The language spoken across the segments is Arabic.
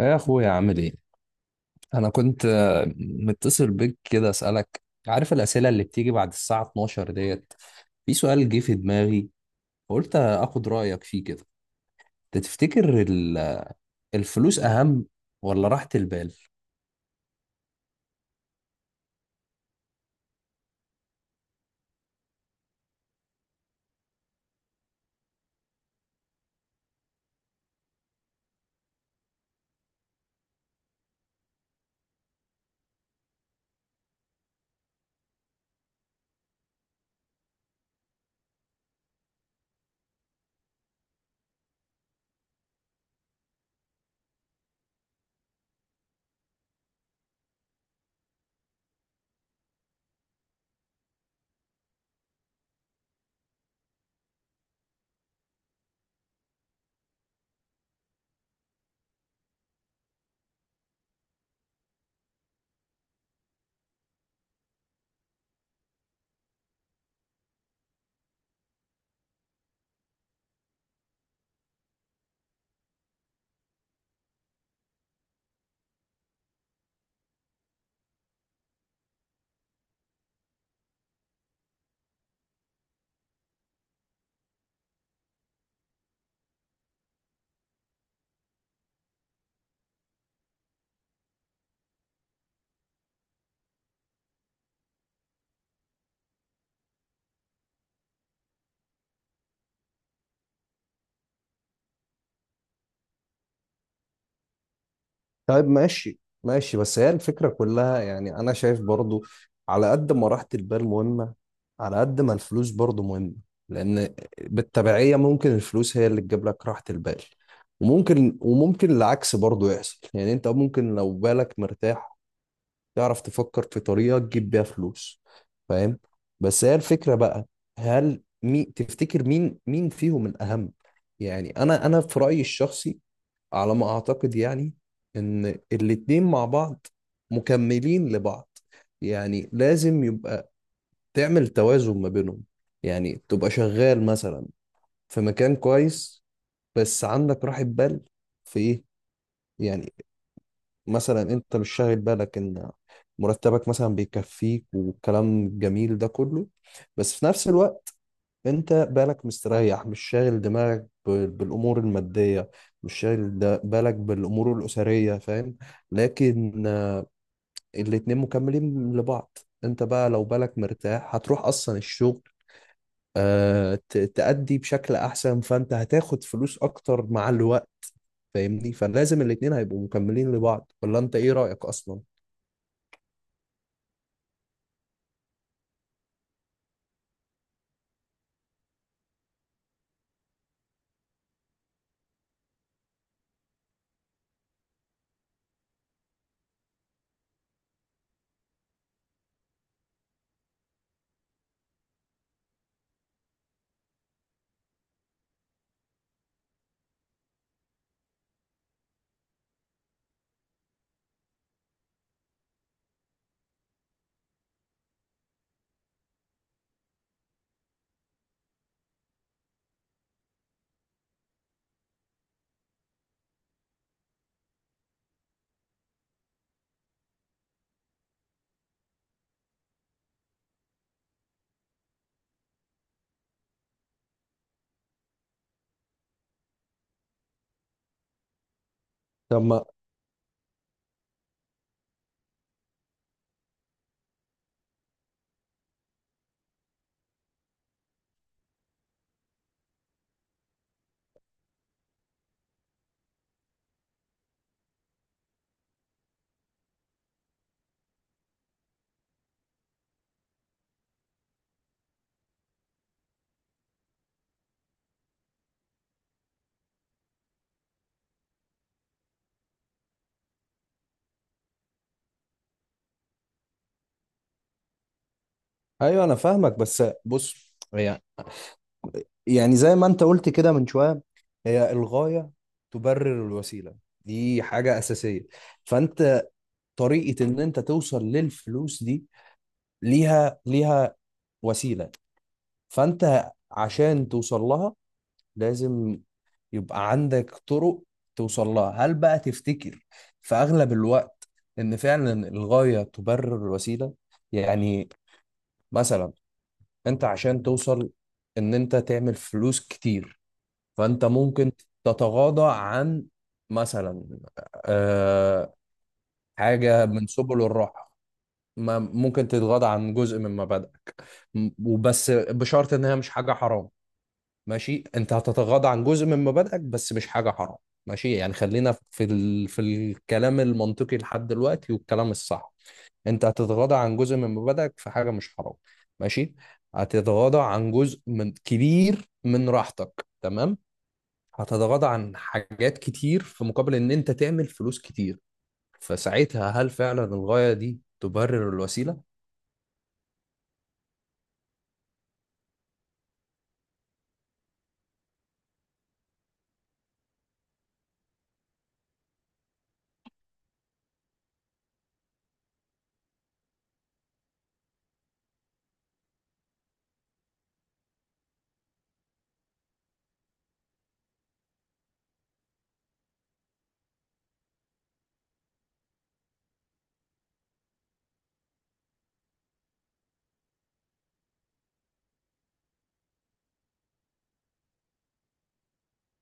يا اخويا عامل ايه؟ انا كنت متصل بيك كده اسالك. عارف الاسئله اللي بتيجي بعد الساعه 12 ديت؟ في سؤال جه في دماغي، قلت اخد رايك فيه كده. أنت تفتكر الفلوس اهم ولا راحه البال؟ طيب، ماشي بس هي الفكرة كلها، يعني أنا شايف برضو على قد ما راحة البال مهمة، على قد ما الفلوس برضو مهمة. لأن بالتبعية ممكن الفلوس هي اللي تجيب لك راحة البال، وممكن العكس برضو يحصل. يعني أنت ممكن لو بالك مرتاح، تعرف تفكر في طريقة تجيب بيها فلوس. فاهم؟ بس هي الفكرة بقى، هل مي تفتكر مين فيهم الأهم؟ يعني أنا في رأيي الشخصي، على ما اعتقد، يعني ان الاتنين مع بعض مكملين لبعض. يعني لازم يبقى تعمل توازن ما بينهم. يعني تبقى شغال مثلا في مكان كويس بس عندك راحة بال في ايه. يعني مثلا انت مش شاغل بالك ان مرتبك مثلا بيكفيك والكلام الجميل ده كله، بس في نفس الوقت انت بالك مستريح، مش شاغل دماغك بالامور الماديه، مش شاغل بالك بالامور الاسريه. فاهم؟ لكن الاتنين مكملين لبعض. انت بقى لو بالك مرتاح هتروح اصلا الشغل، تأدي بشكل احسن، فانت هتاخد فلوس اكتر مع الوقت. فاهمني؟ فلازم الاتنين هيبقوا مكملين لبعض، ولا انت ايه رأيك اصلا؟ طب ما. ايوه، انا فاهمك بس بص، هي يعني زي ما انت قلت كده من شوية، هي الغاية تبرر الوسيلة، دي حاجة أساسية. فانت طريقة ان انت توصل للفلوس دي، ليها وسيلة. فانت عشان توصل لها لازم يبقى عندك طرق توصل لها. هل بقى تفتكر في أغلب الوقت ان فعلا الغاية تبرر الوسيلة؟ يعني مثلا انت عشان توصل ان انت تعمل فلوس كتير، فانت ممكن تتغاضى عن مثلا آه، حاجه من سبل الراحه. ما ممكن تتغاضى عن جزء من مبادئك، وبس بشرط ان هي مش حاجه حرام. ماشي، انت هتتغاضى عن جزء من مبادئك بس مش حاجه حرام، ماشي. يعني خلينا في في الكلام المنطقي لحد دلوقتي والكلام الصح. انت هتتغاضى عن جزء من مبادئك في حاجه مش حرام، ماشي. هتتغاضى عن جزء من كبير من راحتك، تمام. هتتغاضى عن حاجات كتير في مقابل ان انت تعمل فلوس كتير. فساعتها، هل فعلا الغاية دي تبرر الوسيلة؟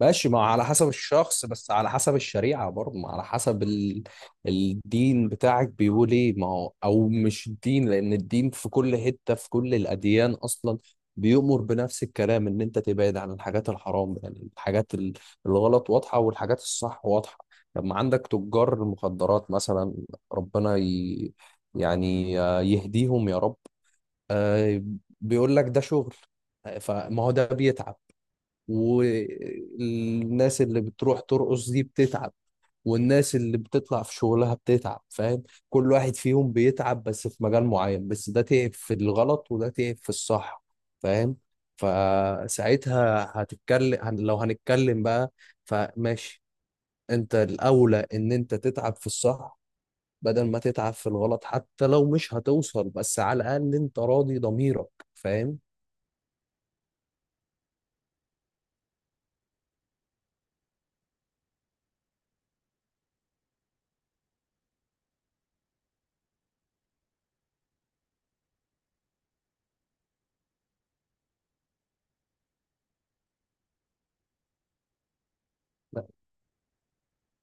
ماشي، ما على حسب الشخص بس على حسب الشريعة برضه، ما على حسب الدين بتاعك بيقول ايه. ما هو او مش الدين، لان الدين في كل حتة، في كل الاديان اصلا، بيؤمر بنفس الكلام ان انت تبعد عن الحاجات الحرام. يعني الحاجات الغلط واضحة والحاجات الصح واضحة. لما عندك تجار المخدرات مثلا، ربنا يعني يهديهم يا رب. آه، بيقول لك ده شغل. فما هو ده بيتعب، والناس اللي بتروح ترقص دي بتتعب، والناس اللي بتطلع في شغلها بتتعب. فاهم؟ كل واحد فيهم بيتعب بس في مجال معين، بس ده تعب في الغلط وده تعب في الصح. فاهم؟ فساعتها هتتكلم، لو هنتكلم بقى، فماشي، انت الاولى ان انت تتعب في الصح بدل ما تتعب في الغلط. حتى لو مش هتوصل، بس على الاقل انت راضي ضميرك. فاهم؟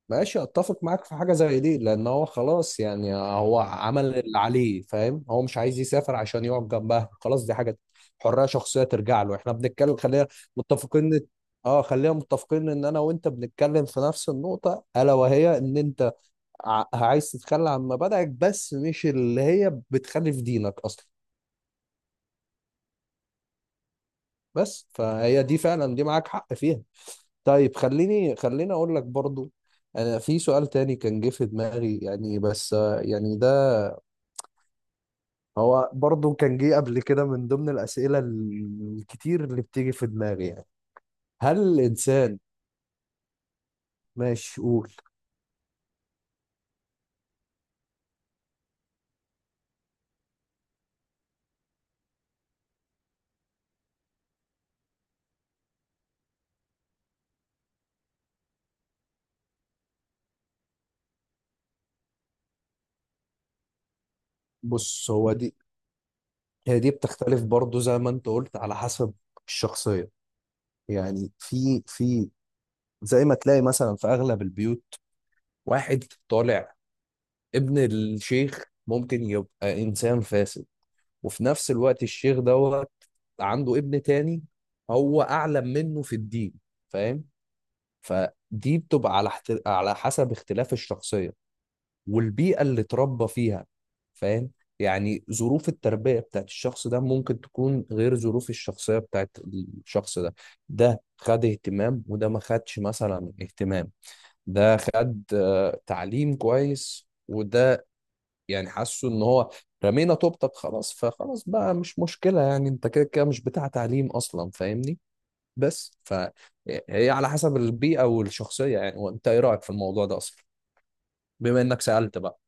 ماشي، اتفق معاك في حاجه زي دي، لان هو خلاص، يعني هو عمل اللي عليه. فاهم؟ هو مش عايز يسافر عشان يقعد جنبها، خلاص دي حاجه حريه شخصيه ترجع له. احنا بنتكلم، خلينا متفقين اه خلينا متفقين ان انا وانت بنتكلم في نفس النقطه، الا وهي ان انت عايز تتخلى عن مبادئك بس مش اللي هي بتخالف دينك اصلا. بس فهي دي فعلا دي معاك حق فيها. طيب، خليني اقول لك برضو، انا في سؤال تاني كان جه في دماغي، يعني بس يعني هو برضو كان جه قبل كده من ضمن الأسئلة الكتير اللي بتيجي في دماغي يعني. هل الإنسان؟ ماشي قول. بص هو دي، هي دي بتختلف برضو زي ما أنت قلت على حسب الشخصية. يعني في زي ما تلاقي مثلا في أغلب البيوت، واحد طالع ابن الشيخ ممكن يبقى إنسان فاسد، وفي نفس الوقت الشيخ دوت عنده ابن تاني هو أعلم منه في الدين. فاهم؟ فدي بتبقى على على حسب اختلاف الشخصية والبيئة اللي اتربى فيها. فاهم؟ يعني ظروف التربية بتاعت الشخص ده ممكن تكون غير ظروف الشخصية بتاعت الشخص ده. ده خد اهتمام وده ما خدش مثلا اهتمام. ده خد تعليم كويس، وده يعني حاسه ان هو رمينا طوبتك خلاص، فخلاص بقى مش مشكلة، يعني انت كده كده مش بتاع تعليم اصلا. فاهمني؟ بس فهي على حسب البيئة والشخصية. يعني وانت ايه رأيك في الموضوع ده اصلا، بما انك سألت بقى؟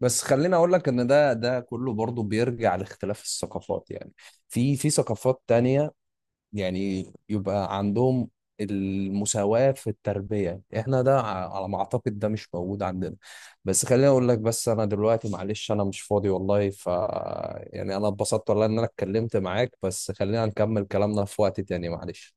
بس خليني اقول لك ان ده كله برضو بيرجع لاختلاف الثقافات. يعني في ثقافات تانية، يعني يبقى عندهم المساواة في التربية، احنا ده على ما اعتقد ده مش موجود عندنا. بس خليني اقول لك، بس انا دلوقتي معلش انا مش فاضي والله، ف يعني انا اتبسطت والله ان انا اتكلمت معاك، بس خلينا نكمل كلامنا في وقت تاني، معلش.